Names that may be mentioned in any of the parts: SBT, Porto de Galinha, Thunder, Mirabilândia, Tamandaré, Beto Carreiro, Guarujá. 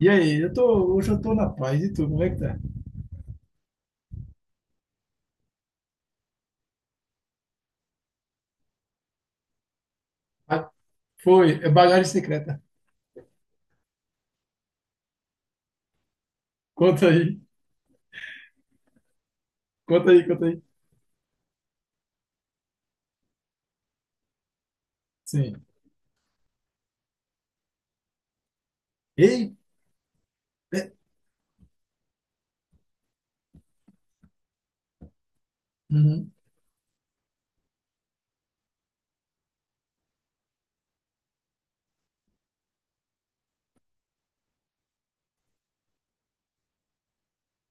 E aí, hoje eu tô na paz. E tu, como é que tá? Ah, foi, é bagagem secreta. Conta aí, conta aí, conta aí. Sim. Ei, é, uhum.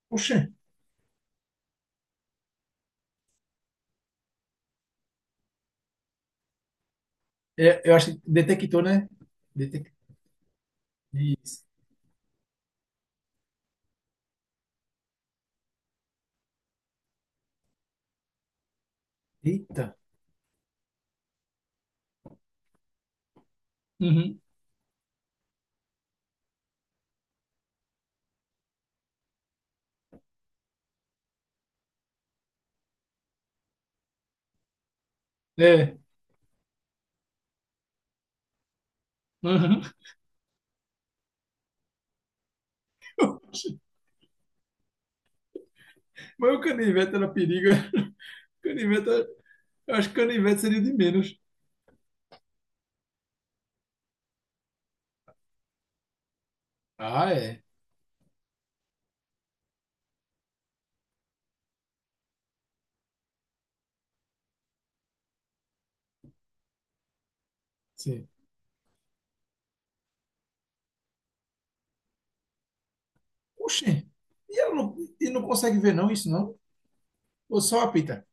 Poxa, é, eu acho que detectou, né? Detec... Isso. Eita. Uhum. É. Uhum. Mas o canivete era perigo. Canivete, era- eu acho que canivete seria de menos. Ah, é. Sim. Poxa, e ela não, e não consegue ver não isso, não? Ou só apita?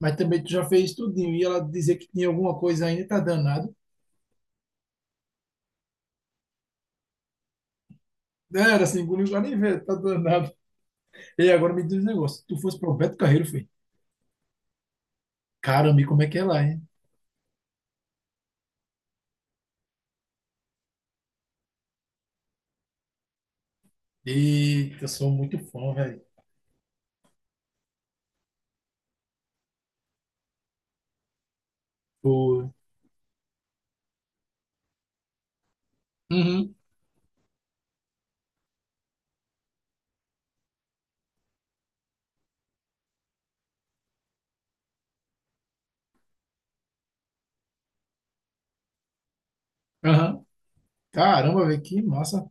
Mas também tu já fez tudinho. E ela dizer que tinha alguma coisa ainda, tá danado. Era assim, engoliu lá nem ver, tá danado. E agora me diz um negócio: se tu fosse pro Beto Carreiro, filho, caramba, e como é que é lá, hein? Eita, eu sou muito fã, velho. Pô. Uhum, aham. Caramba, velho, que massa.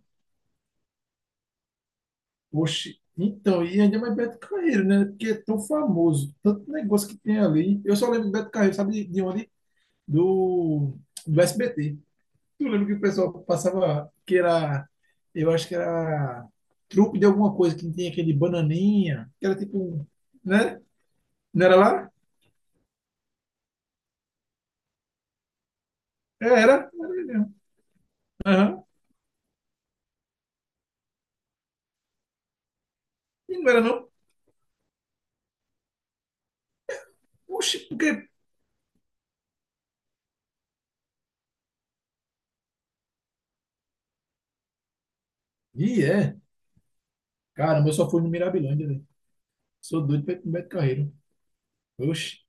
Oxe. Então, e ainda mais Beto Carreiro, né? Porque é tão famoso, tanto negócio que tem ali. Eu só lembro de Beto Carreiro, sabe de onde? Do, do SBT. Eu lembro que o pessoal passava, que era, eu acho que era trupe de alguma coisa, que tem aquele bananinha, que era tipo, né? Não era lá? É, era. Era mesmo. Aham. E não era não. Oxi, porque... Ih, é. Caramba, eu só fui no Mirabilândia, velho. Sou doido pra ir pro Beto Carreiro. Oxi.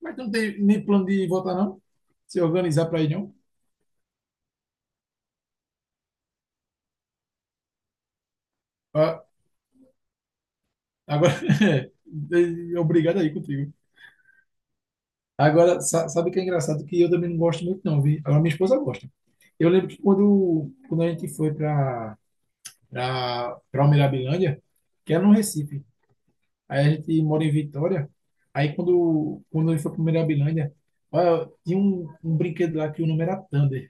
Mas tu não tem nem plano de voltar, não? Se organizar pra ir, não? Ah, agora, obrigado aí contigo. Agora, sabe o que é engraçado? Que eu também não gosto muito, não, vi? Agora, minha esposa gosta. Eu lembro que quando a gente foi para Mirabilândia que era no Recife, aí a gente mora em Vitória, aí quando a gente foi para Mirabilândia, olha, tinha um brinquedo lá que o nome era Thunder.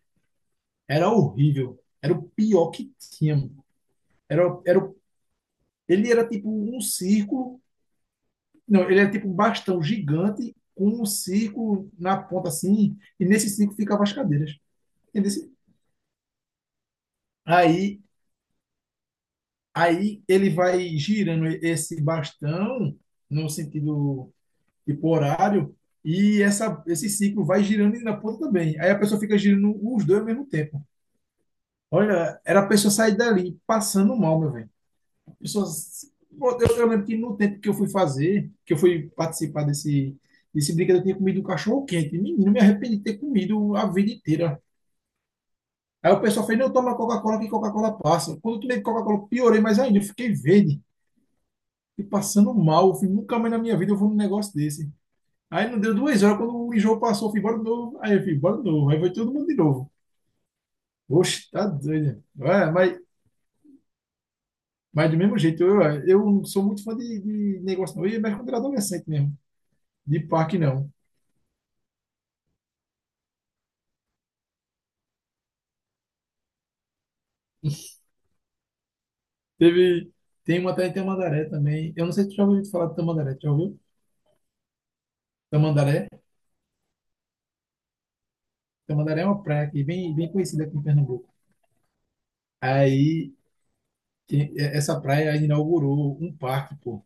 Era horrível. Era o pior que tinha, mano. Era, era, o- ele era tipo um círculo, não, ele era tipo um bastão gigante com um círculo na ponta assim, e nesse círculo ficavam as cadeiras. Aí, aí ele vai girando esse bastão no sentido tipo horário e essa, esse ciclo vai girando e na ponta também. Aí a pessoa fica girando os dois ao mesmo tempo. Olha, era a pessoa sair dali passando mal, meu velho. A pessoa- eu lembro que no tempo que eu fui fazer, que eu fui participar desse brinquedo, eu tinha comido um cachorro quente. Menino, me arrependi de ter comido a vida inteira. Aí o pessoal fez, não, toma Coca-Cola que Coca-Cola passa. Quando eu tomei Coca-Cola, piorei mais ainda, eu fiquei verde. E passando mal, eu fui, nunca mais na minha vida eu vou num negócio desse. Aí não deu 2 horas, quando o enjoo passou, eu fui embora de novo. Aí eu fui embora de novo. Aí foi todo mundo de novo. Oxe, tá doido, né? É, mas do mesmo jeito, eu não sou muito fã de negócio, não. Eu ia mais quando era adolescente mesmo. De parque, não. Teve, tem uma até em Tamandaré também. Eu não sei se tu já ouviu falar de Tamandaré. Tu já ouviu? Tamandaré? Tamandaré é uma praia aqui, bem, bem conhecida aqui em Pernambuco. Aí, essa praia inaugurou um parque, pô.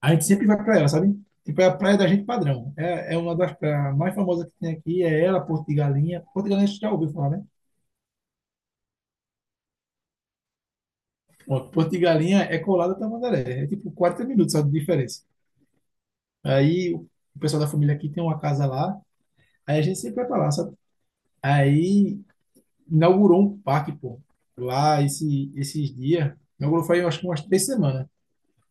A gente sempre vai para ela, sabe? Tipo, é a praia da gente padrão. É uma das praias mais famosas que tem aqui, é ela, Porto de Galinha. Porto de Galinha você já ouviu falar, né? Pronto, Porto de Galinha é colada a Tamandaré. É tipo 40 minutos só de diferença. Aí o pessoal da família aqui tem uma casa lá, aí a gente sempre vai pra lá, sabe? Aí inaugurou um parque, pô, lá esse, esses dias. Inaugurou faz, eu acho que umas 3 semanas,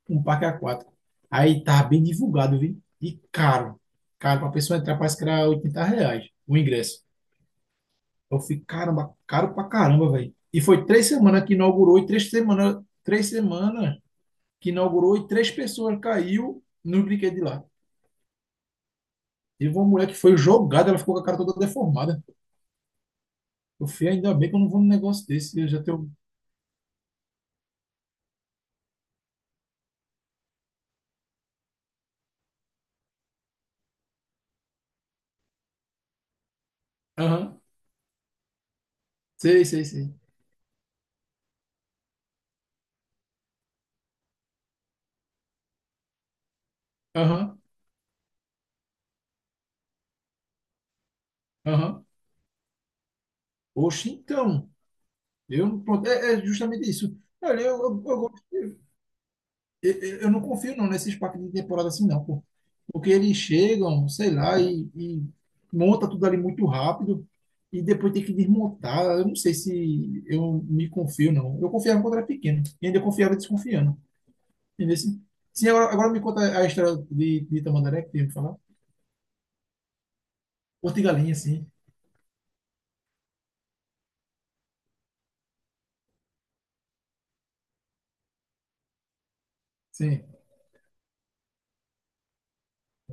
um parque aquático. Aí tá bem divulgado, viu? E caro. Caro, pra pessoa entrar parece que era R$ 80 o ingresso. Eu fiquei, caramba, caro pra caramba, velho. E foi 3 semanas que inaugurou e três semanas que inaugurou e três pessoas caiu no brinquedo de lá. Teve uma mulher que foi jogada, ela ficou com a cara toda deformada. Eu fui, ainda bem que eu não vou num negócio desse, eu já tenho. Aham, sei, sei, sei. Aham, aham. Oxe, então. Eu, pronto, é, justamente isso. Olha, eu gosto. eu, eu não confio não nesses parques de temporada assim não, pô. Porque eles chegam, sei lá, e monta tudo ali muito rápido e depois tem que desmontar. Eu não sei se eu me confio não. Eu confiava quando era pequeno e ainda confiava desconfiando. Entendeu? Sim, Sim, agora me conta a história de Tamandaré que tem que falar. Porto e Galinha, sim. Sim.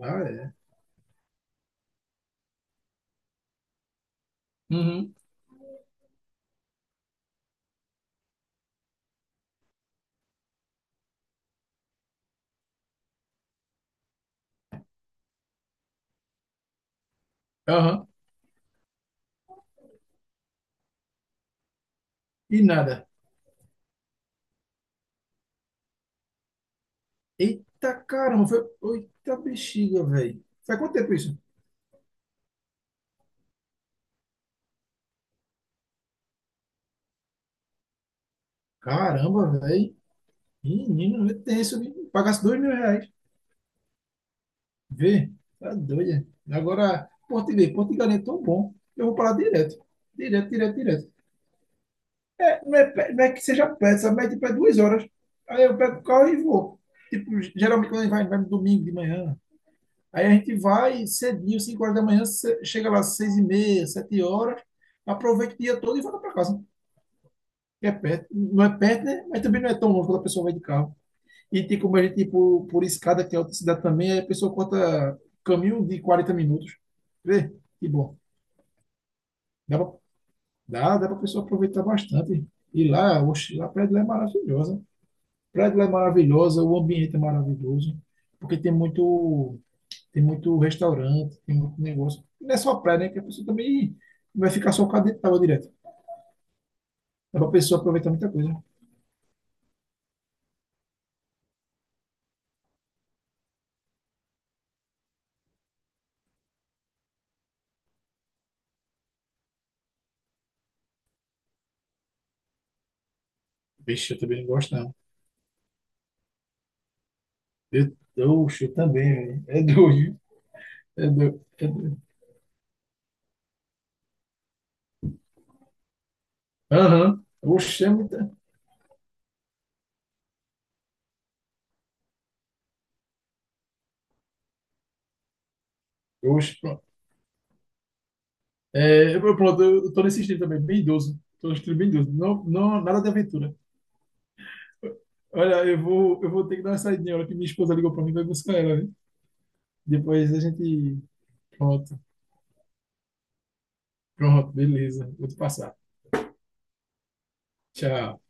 Ah, é. Uhum. Aham. E nada. Eita caramba, foi. Eita bexiga, velho. Faz quanto tempo isso? Caramba, velho. Menino, tem tenso, viu? Pagasse R$ 2.000. Vê, tá doida. Agora, português, português é tão bom. Eu vou para lá direto. Direto, direto, direto. É, não, é, não é que seja perto, sabe? Mas tipo, é 2 horas. Aí eu pego o carro e vou. Tipo, geralmente quando a gente vai, vai no domingo de manhã. Aí a gente vai cedinho, 5 horas da manhã, chega lá às 6h30, 7 horas, aproveita o dia todo e volta para casa. Que é perto. Não é perto, né? Mas também não é tão longe quando a pessoa vai de carro. E tem como a gente ir por escada, que é outra cidade também, aí a pessoa corta caminho de 40 minutos. Vê? Que bom. Dá pra, dá pra pessoa aproveitar bastante. E lá, oxe, lá a praia de lá é maravilhosa. A praia de lá é maravilhosa, o ambiente é maravilhoso, porque tem muito restaurante, tem muito negócio. Não é só a praia, né? Que a pessoa também não vai ficar só com a dentro d'água direto. Dá pra pessoa aproveitar muita coisa. Vixe, eu também não gosto, não. Eu, oxe, eu também, velho. É doido. É doido. É doido. Aham. Oxe, é muita. Oxe, pronto. É, eu, pronto, eu tô nesse estilo também, bem idoso. Tô no estilo bem idoso. Não, não, nada de aventura. Olha, eu vou ter que dar uma saidinha. A hora que minha esposa ligou pra mim, vai buscar ela, né? Depois a gente. Pronto. Pronto, beleza. Vou te passar. Tchau.